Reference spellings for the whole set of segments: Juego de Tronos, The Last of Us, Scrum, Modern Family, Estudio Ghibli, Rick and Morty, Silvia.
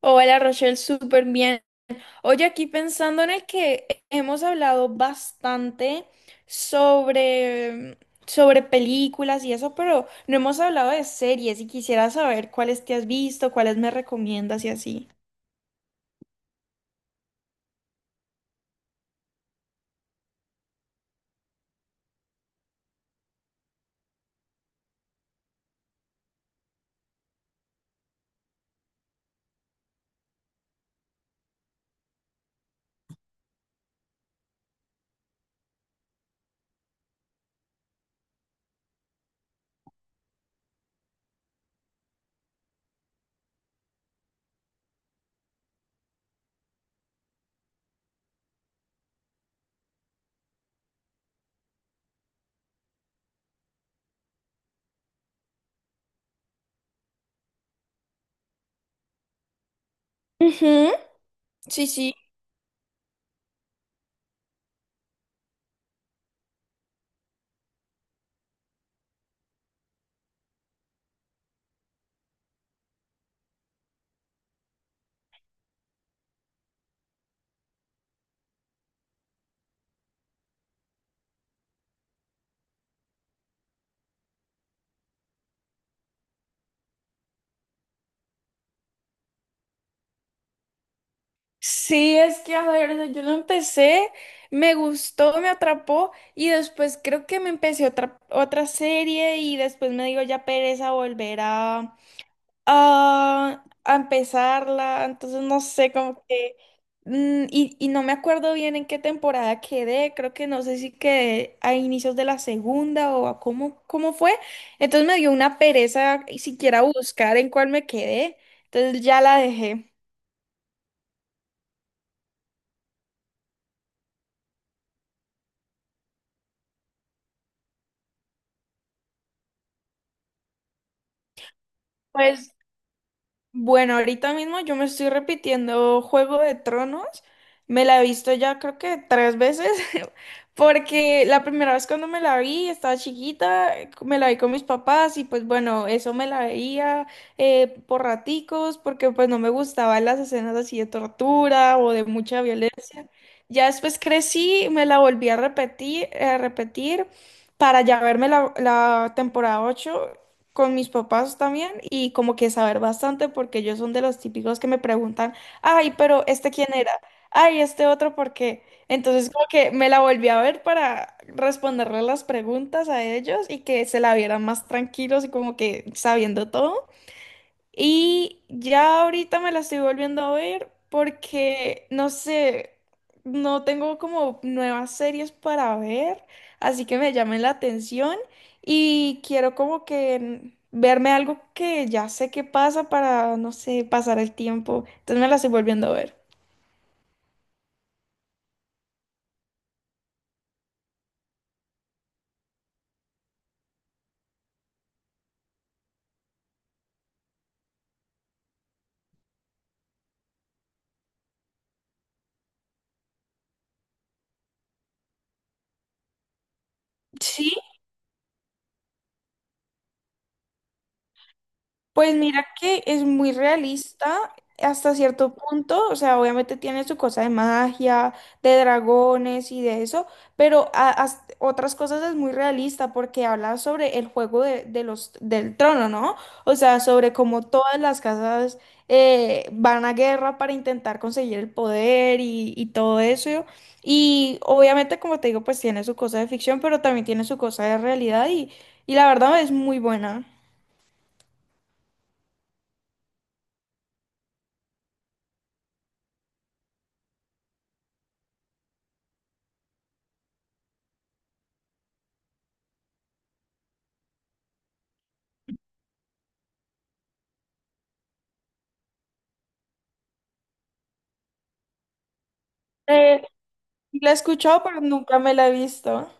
Hola Rochelle, súper bien. Oye, aquí pensando en el que hemos hablado bastante sobre, sobre películas y eso, pero no hemos hablado de series y quisiera saber cuáles te has visto, cuáles me recomiendas y así. Ujú. Sí, sí. Sí, es que a ver, o sea, yo lo empecé, me gustó, me atrapó y después creo que me empecé otra serie y después me digo ya pereza volver a empezarla, entonces no sé, como que. Y no me acuerdo bien en qué temporada quedé, creo que no sé si quedé a inicios de la segunda o a cómo fue. Entonces me dio una pereza y siquiera buscar en cuál me quedé, entonces ya la dejé. Pues, bueno, ahorita mismo yo me estoy repitiendo Juego de Tronos. Me la he visto ya creo que tres veces, porque la primera vez cuando me la vi estaba chiquita, me la vi con mis papás y pues bueno, eso me la veía por raticos, porque pues no me gustaban las escenas así de tortura o de mucha violencia. Ya después crecí, me la volví a repetir para ya verme la, la temporada 8 con mis papás también y como que saber bastante porque ellos son de los típicos que me preguntan, ay, pero ¿este quién era? Ay, ¿este otro por qué? Entonces como que me la volví a ver para responderle las preguntas a ellos y que se la vieran más tranquilos y como que sabiendo todo. Y ya ahorita me la estoy volviendo a ver porque, no sé, no tengo como nuevas series para ver, así que me llamen la atención y quiero como que verme algo que ya sé qué pasa para, no sé, pasar el tiempo. Entonces me la estoy volviendo a ver. Sí. Pues mira que es muy realista hasta cierto punto, o sea, obviamente tiene su cosa de magia, de dragones y de eso, pero otras cosas es muy realista porque habla sobre el juego del trono, ¿no? O sea, sobre cómo todas las casas van a guerra para intentar conseguir el poder y todo eso. Y obviamente, como te digo, pues tiene su cosa de ficción, pero también tiene su cosa de realidad y la verdad es muy buena. La he escuchado, pero nunca me la he visto.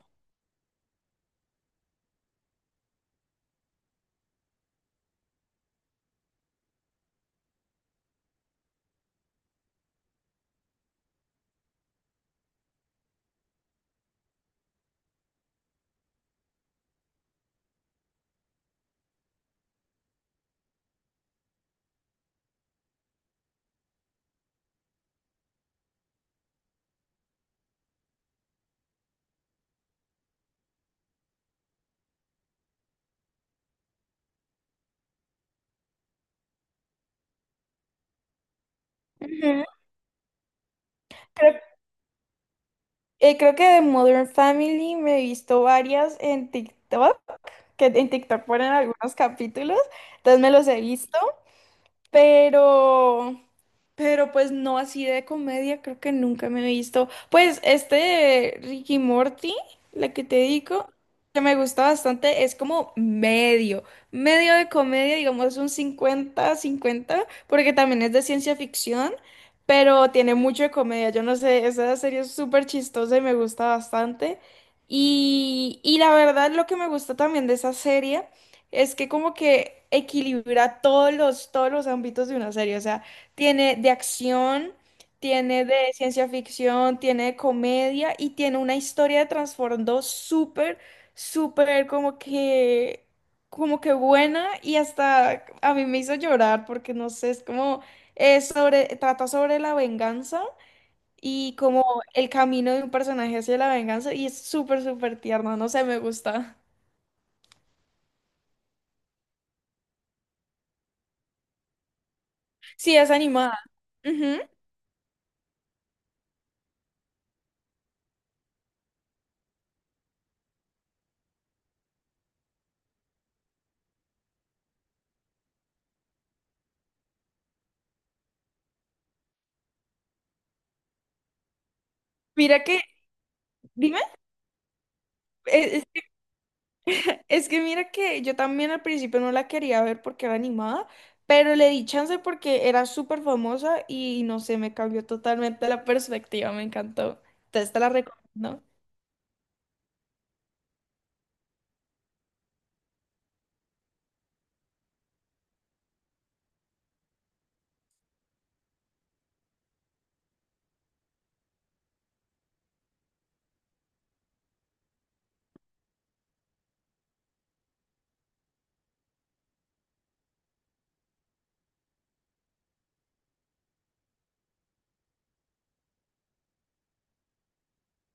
Ujú. Creo, creo que de Modern Family me he visto varias en TikTok, que en TikTok ponen algunos capítulos, entonces me los he visto. Pero, pero pues no así de comedia, creo que nunca me he visto. Pues este de Ricky Morty, la que te digo, que me gusta bastante, es como medio de comedia, digamos un cincuenta cincuenta porque también es de ciencia ficción, pero tiene mucho de comedia. Yo no sé, esa serie es súper chistosa y me gusta bastante. Y la verdad, lo que me gusta también de esa serie. Es que como que equilibra todos los ámbitos de una serie. O sea, tiene de acción, tiene de ciencia ficción, tiene de comedia y tiene una historia de trasfondo súper, súper como que buena y hasta a mí me hizo llorar porque no sé, es como, es sobre, trata sobre la venganza. Y como el camino de un personaje hacia la venganza, y es súper, súper tierno, no sé, me gusta. Sí, es animada. Ujú. Mira que. Dime, es, es que mira que yo también al principio no la quería ver porque era animada, pero le di chance porque era súper famosa y no sé, me cambió totalmente la perspectiva, me encantó. Entonces te la recomiendo.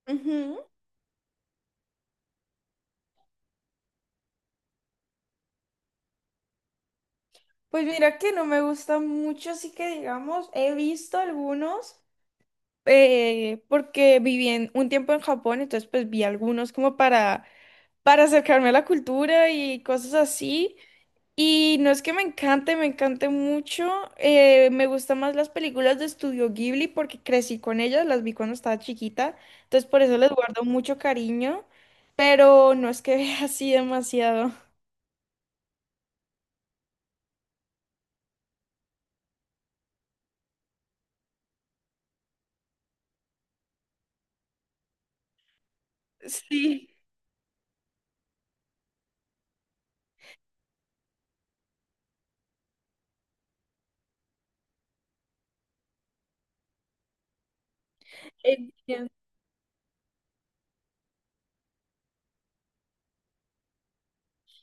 Ujú. Pues mira que no me gusta mucho, así que digamos, he visto algunos porque viví un tiempo en Japón, entonces pues vi algunos como para acercarme a la cultura y cosas así. Y no es que me encante mucho. Me gustan más las películas de Estudio Ghibli porque crecí con ellas, las vi cuando estaba chiquita. Entonces por eso les guardo mucho cariño, pero no es que vea así demasiado. Sí, entiendo.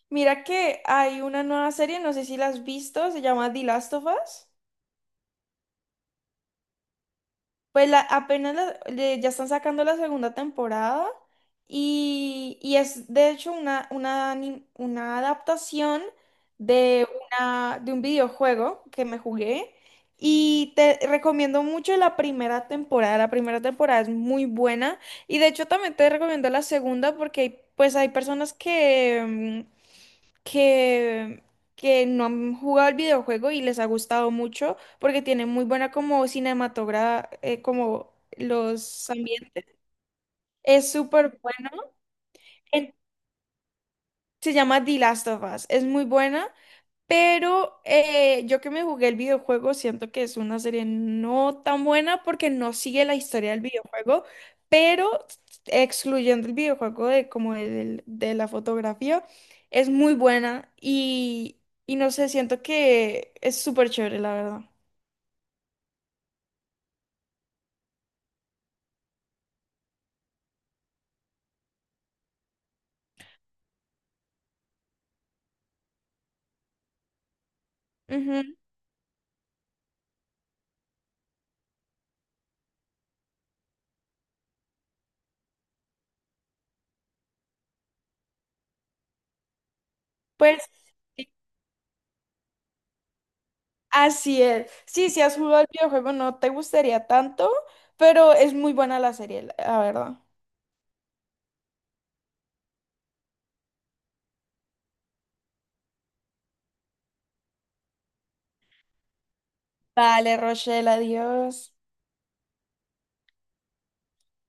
Mira que hay una nueva serie, no sé si la has visto, se llama The Last of Us. Pues apenas ya están sacando la segunda temporada y es de hecho una adaptación de, de un videojuego que me jugué y te recomiendo mucho la primera temporada. La primera temporada es muy buena y de hecho también te recomiendo la segunda porque pues hay personas que. Mm, que, que no han jugado el videojuego y les ha gustado mucho porque tiene muy buena como como los ambientes. Es súper bueno. En- Se llama The Last of Us. Es muy buena, pero yo que me jugué el videojuego siento que es una serie no tan buena porque no sigue la historia del videojuego, pero excluyendo el videojuego de como de, de la fotografía, es muy buena y no sé, siento que es súper chévere, la verdad. Ujú. Pues. Así es. Sí, si has jugado el videojuego no te gustaría tanto, pero es muy buena la serie, la verdad. Vale, Rochelle, adiós.